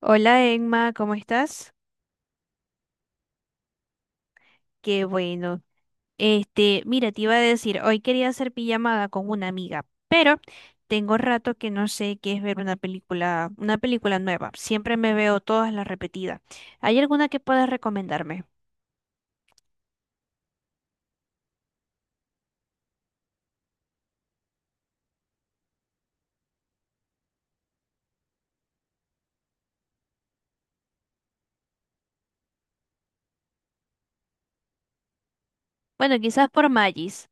Hola Emma, ¿cómo estás? Qué bueno. Mira, te iba a decir, hoy quería hacer pijamada con una amiga, pero tengo rato que no sé qué es ver una película nueva. Siempre me veo todas las repetidas. ¿Hay alguna que puedas recomendarme? Bueno, quizás por Magis.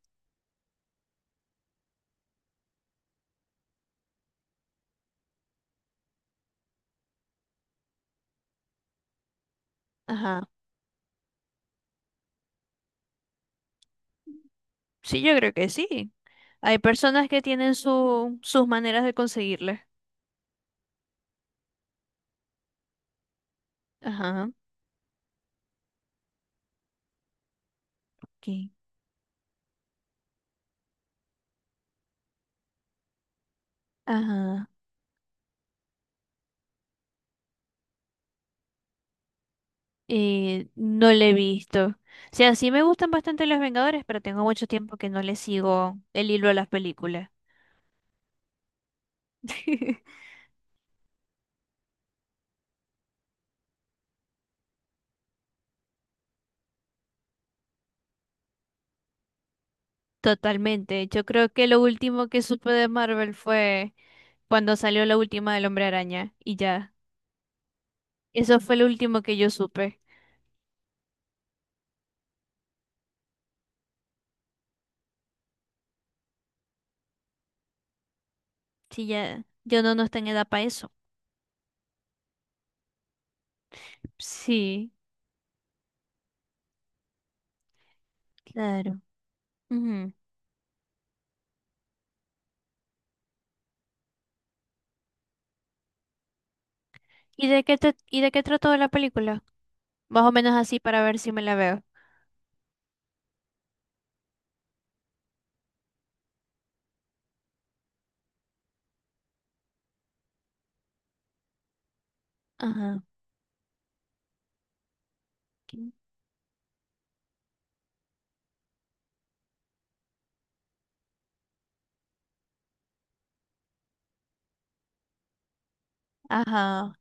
Ajá. Sí, yo creo que sí. Hay personas que tienen sus maneras de conseguirle. Ajá. ¿Qué? Ajá. No le he visto. O sea, sí me gustan bastante los Vengadores, pero tengo mucho tiempo que no le sigo el hilo a las películas. Totalmente. Yo creo que lo último que supe de Marvel fue cuando salió la última del Hombre Araña y ya. Eso fue lo último que yo supe. Sí, ya. Yo no, No estoy en edad para eso. Sí, claro. Ujú. ¿Y de qué trató la película? Más o menos así para ver si me la veo. Ajá. Ajá,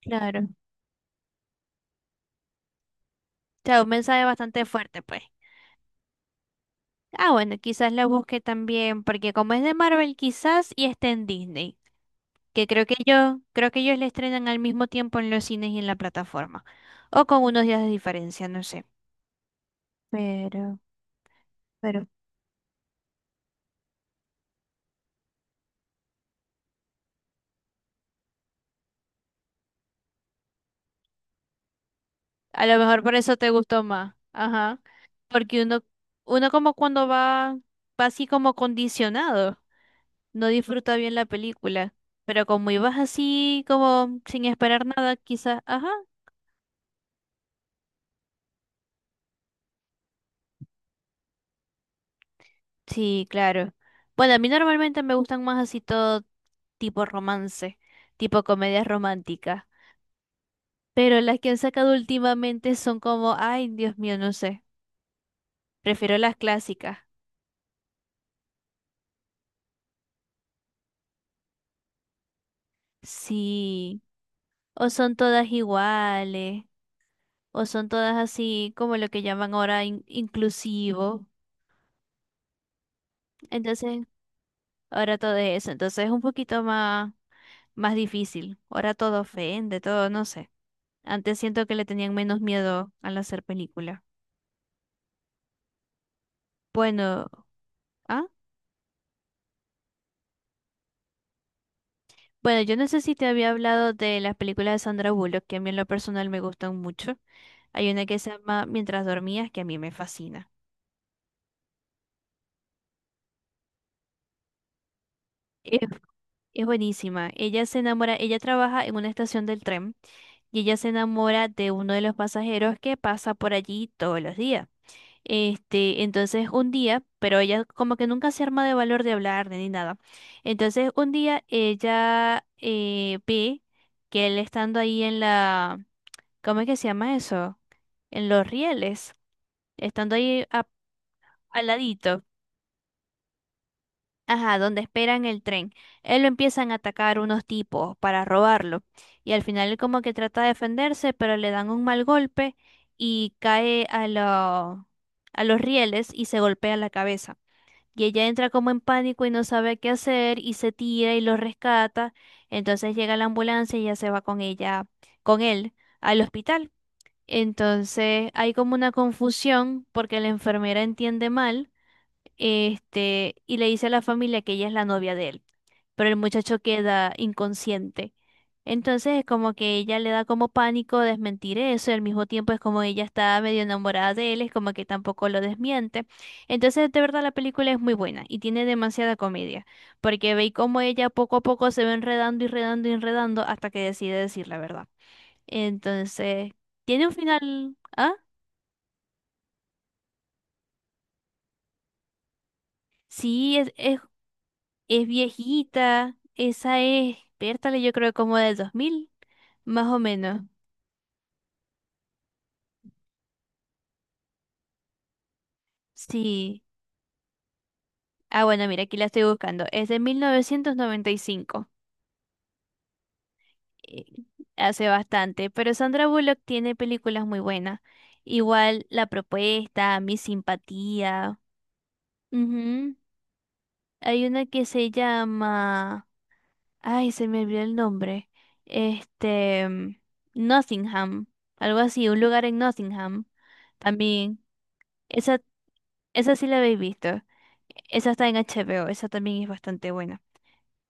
claro. O sea, un mensaje bastante fuerte, pues. Ah, bueno, quizás la busque también, porque como es de Marvel, quizás y esté en Disney, que creo que ellos la estrenan al mismo tiempo en los cines y en la plataforma, o con unos días de diferencia, no sé. Pero, pero a lo mejor por eso te gustó más, ajá, porque uno como cuando va, va así como condicionado, no disfruta bien la película, pero como ibas así como sin esperar nada, quizás, ajá. Sí, claro. Bueno, a mí normalmente me gustan más así todo tipo romance, tipo comedias románticas. Pero las que han sacado últimamente son como, ay, Dios mío, no sé. Prefiero las clásicas. Sí. O son todas iguales. O son todas así como lo que llaman ahora inclusivo. Entonces, ahora todo es eso. Entonces es un poquito más, más difícil. Ahora todo ofende, todo, no sé. Antes siento que le tenían menos miedo al hacer películas. Bueno, ah, bueno, yo no sé si te había hablado de las películas de Sandra Bullock, que a mí en lo personal me gustan mucho. Hay una que se llama Mientras dormías, que a mí me fascina. Es, es buenísima. Ella se enamora, ella trabaja en una estación del tren y ella se enamora de uno de los pasajeros que pasa por allí todos los días. Entonces un día, pero ella como que nunca se arma de valor de hablar ni nada. Entonces un día ella ve que él estando ahí en la ¿Cómo es que se llama eso? En los rieles, estando ahí al ladito, ajá, donde esperan el tren. Él lo empiezan a atacar unos tipos para robarlo. Y al final él como que trata de defenderse, pero le dan un mal golpe y a los rieles y se golpea la cabeza. Y ella entra como en pánico y no sabe qué hacer y se tira y lo rescata. Entonces llega la ambulancia y ya se va con ella, con él, al hospital. Entonces hay como una confusión porque la enfermera entiende mal, y le dice a la familia que ella es la novia de él, pero el muchacho queda inconsciente. Entonces es como que ella le da como pánico desmentir eso, y al mismo tiempo es como ella está medio enamorada de él, es como que tampoco lo desmiente. Entonces de verdad la película es muy buena y tiene demasiada comedia, porque ve cómo ella poco a poco se va enredando y enredando y enredando hasta que decide decir la verdad. Entonces, tiene un final. ¿Ah? Sí, es viejita. Esa es, Pértale, yo creo como del 2000, más o menos. Sí. Ah, bueno, mira, aquí la estoy buscando. Es de 1995. eh, Hace bastante. Pero Sandra Bullock tiene películas muy buenas. Igual La Propuesta, Mi Simpatía. Ujú. Hay una que se llama. Ay, se me olvidó el nombre. Este, mm, Nottingham, algo así, un lugar en Nottingham. También, esa, esa sí la habéis visto. Esa está en HBO, esa también es bastante buena.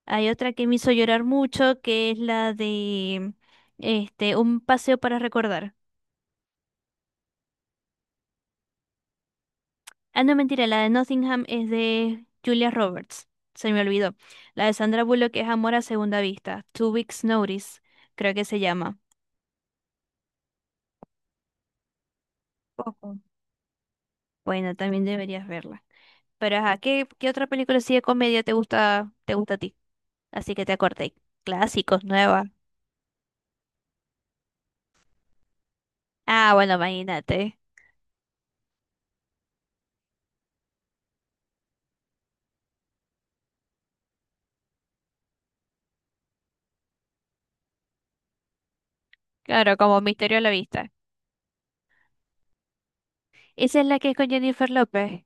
Hay otra que me hizo llorar mucho, que es la de Un paseo para recordar. Ah, no, mentira, la de Nottingham es de Julia Roberts. Se me olvidó. La de Sandra Bullock es Amor a segunda vista. Two Weeks Notice, creo que se llama. Poco. Bueno, también deberías verla. Pero ajá, ¿qué otra película así de comedia te gusta a ti? Así que te acordé. Clásicos, nuevas. Ah, bueno, imagínate. Claro, como Misterio a la Vista. Esa es la que es con Jennifer López.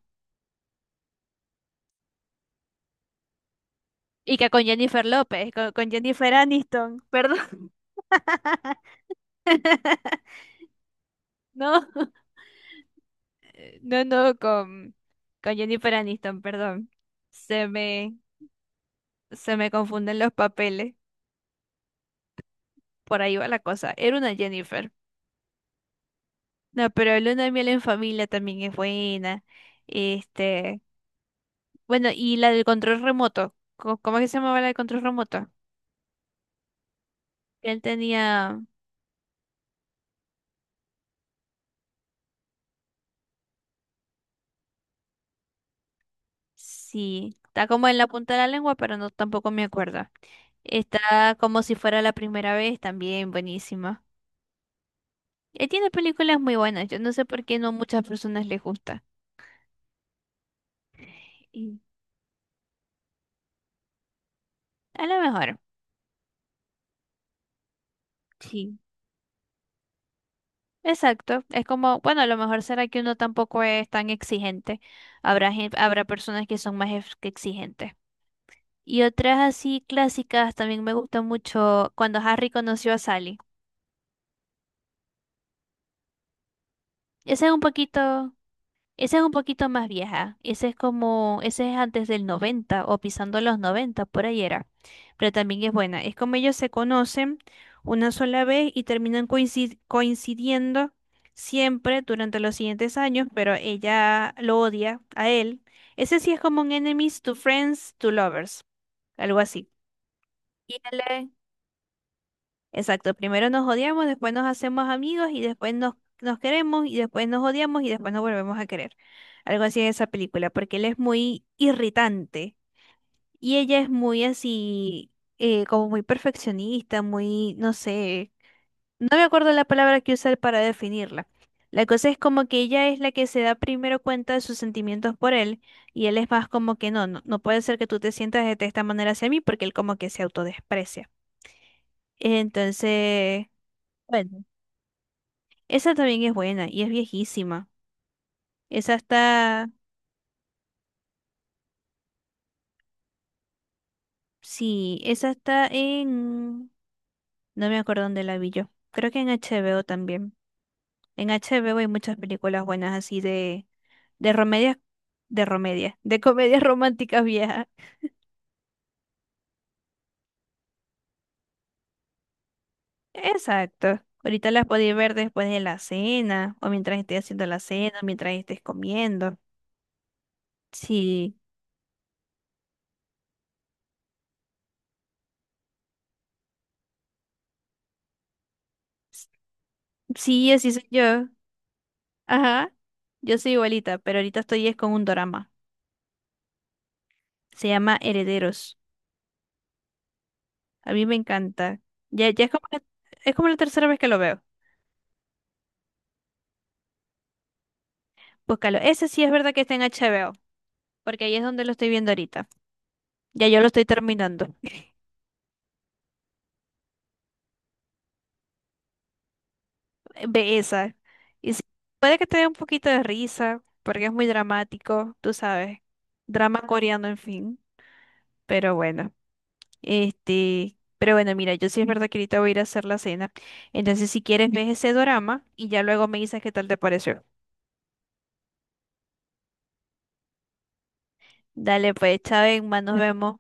Y que con Jennifer López, con Jennifer Aniston, perdón. No, no, no, con Jennifer Aniston, perdón. Se me, Se me confunden los papeles. Por ahí va la cosa. Era una Jennifer. No, pero luna de miel en familia también es buena. Este, bueno, y la del control remoto. ¿Cómo es que se llamaba la del control remoto? Que él tenía, sí, está como en la punta de la lengua, pero no tampoco me acuerdo. Está como si fuera la primera vez, también buenísima. Él tiene películas muy buenas. Yo no sé por qué no muchas personas les gusta. Y a lo mejor, sí. Exacto, es como, bueno, a lo mejor será que uno tampoco es tan exigente. Habrá personas que son más que exigentes. Y otras así clásicas también me gustó mucho cuando Harry conoció a Sally. Esa es un poquito, esa es un poquito más vieja. Ese es antes del 90 o pisando los 90 por ahí era. Pero también es buena. Es como ellos se conocen una sola vez y terminan coincidiendo siempre durante los siguientes años, pero ella lo odia a él. Ese sí es como un enemies to friends to lovers, algo así. Y él Exacto, primero nos odiamos, después nos hacemos amigos y después nos, nos queremos y después nos odiamos y después nos volvemos a querer. Algo así es esa película, porque él es muy irritante y ella es muy así, como muy perfeccionista, muy, no sé, no me acuerdo la palabra que usar para definirla. La cosa es como que ella es la que se da primero cuenta de sus sentimientos por él y él es más como que no, no, no puede ser que tú te sientas de esta manera hacia mí porque él como que se autodesprecia. Entonces... Bueno. Esa también es buena y es viejísima. Esa está, sí, no me acuerdo dónde la vi yo. Creo que en HBO también. En HBO hay muchas películas buenas así de romedias, de romedias, de comedias románticas viejas. Exacto. Ahorita las podéis ver después de la cena o mientras estés haciendo la cena, mientras estés comiendo. Sí, s- sí, así soy yo. Ajá. Yo soy igualita, pero ahorita estoy es con un drama. Se llama Herederos. A mí me encanta. Ya, ya es como la, es como la tercera vez que lo veo. Búscalo. Ese sí es verdad que está en HBO, porque ahí es donde lo estoy viendo ahorita. Ya yo lo estoy terminando. Ve esa. Y sí, puede que te dé un poquito de risa, porque es muy dramático, tú sabes. Drama coreano, en fin. Pero bueno, pero bueno, mira, yo sí es verdad que ahorita voy a ir a hacer la cena. Entonces, si quieres, ves ese drama y ya luego me dices qué tal te pareció. Dale, pues, Chávez, más nos vemos.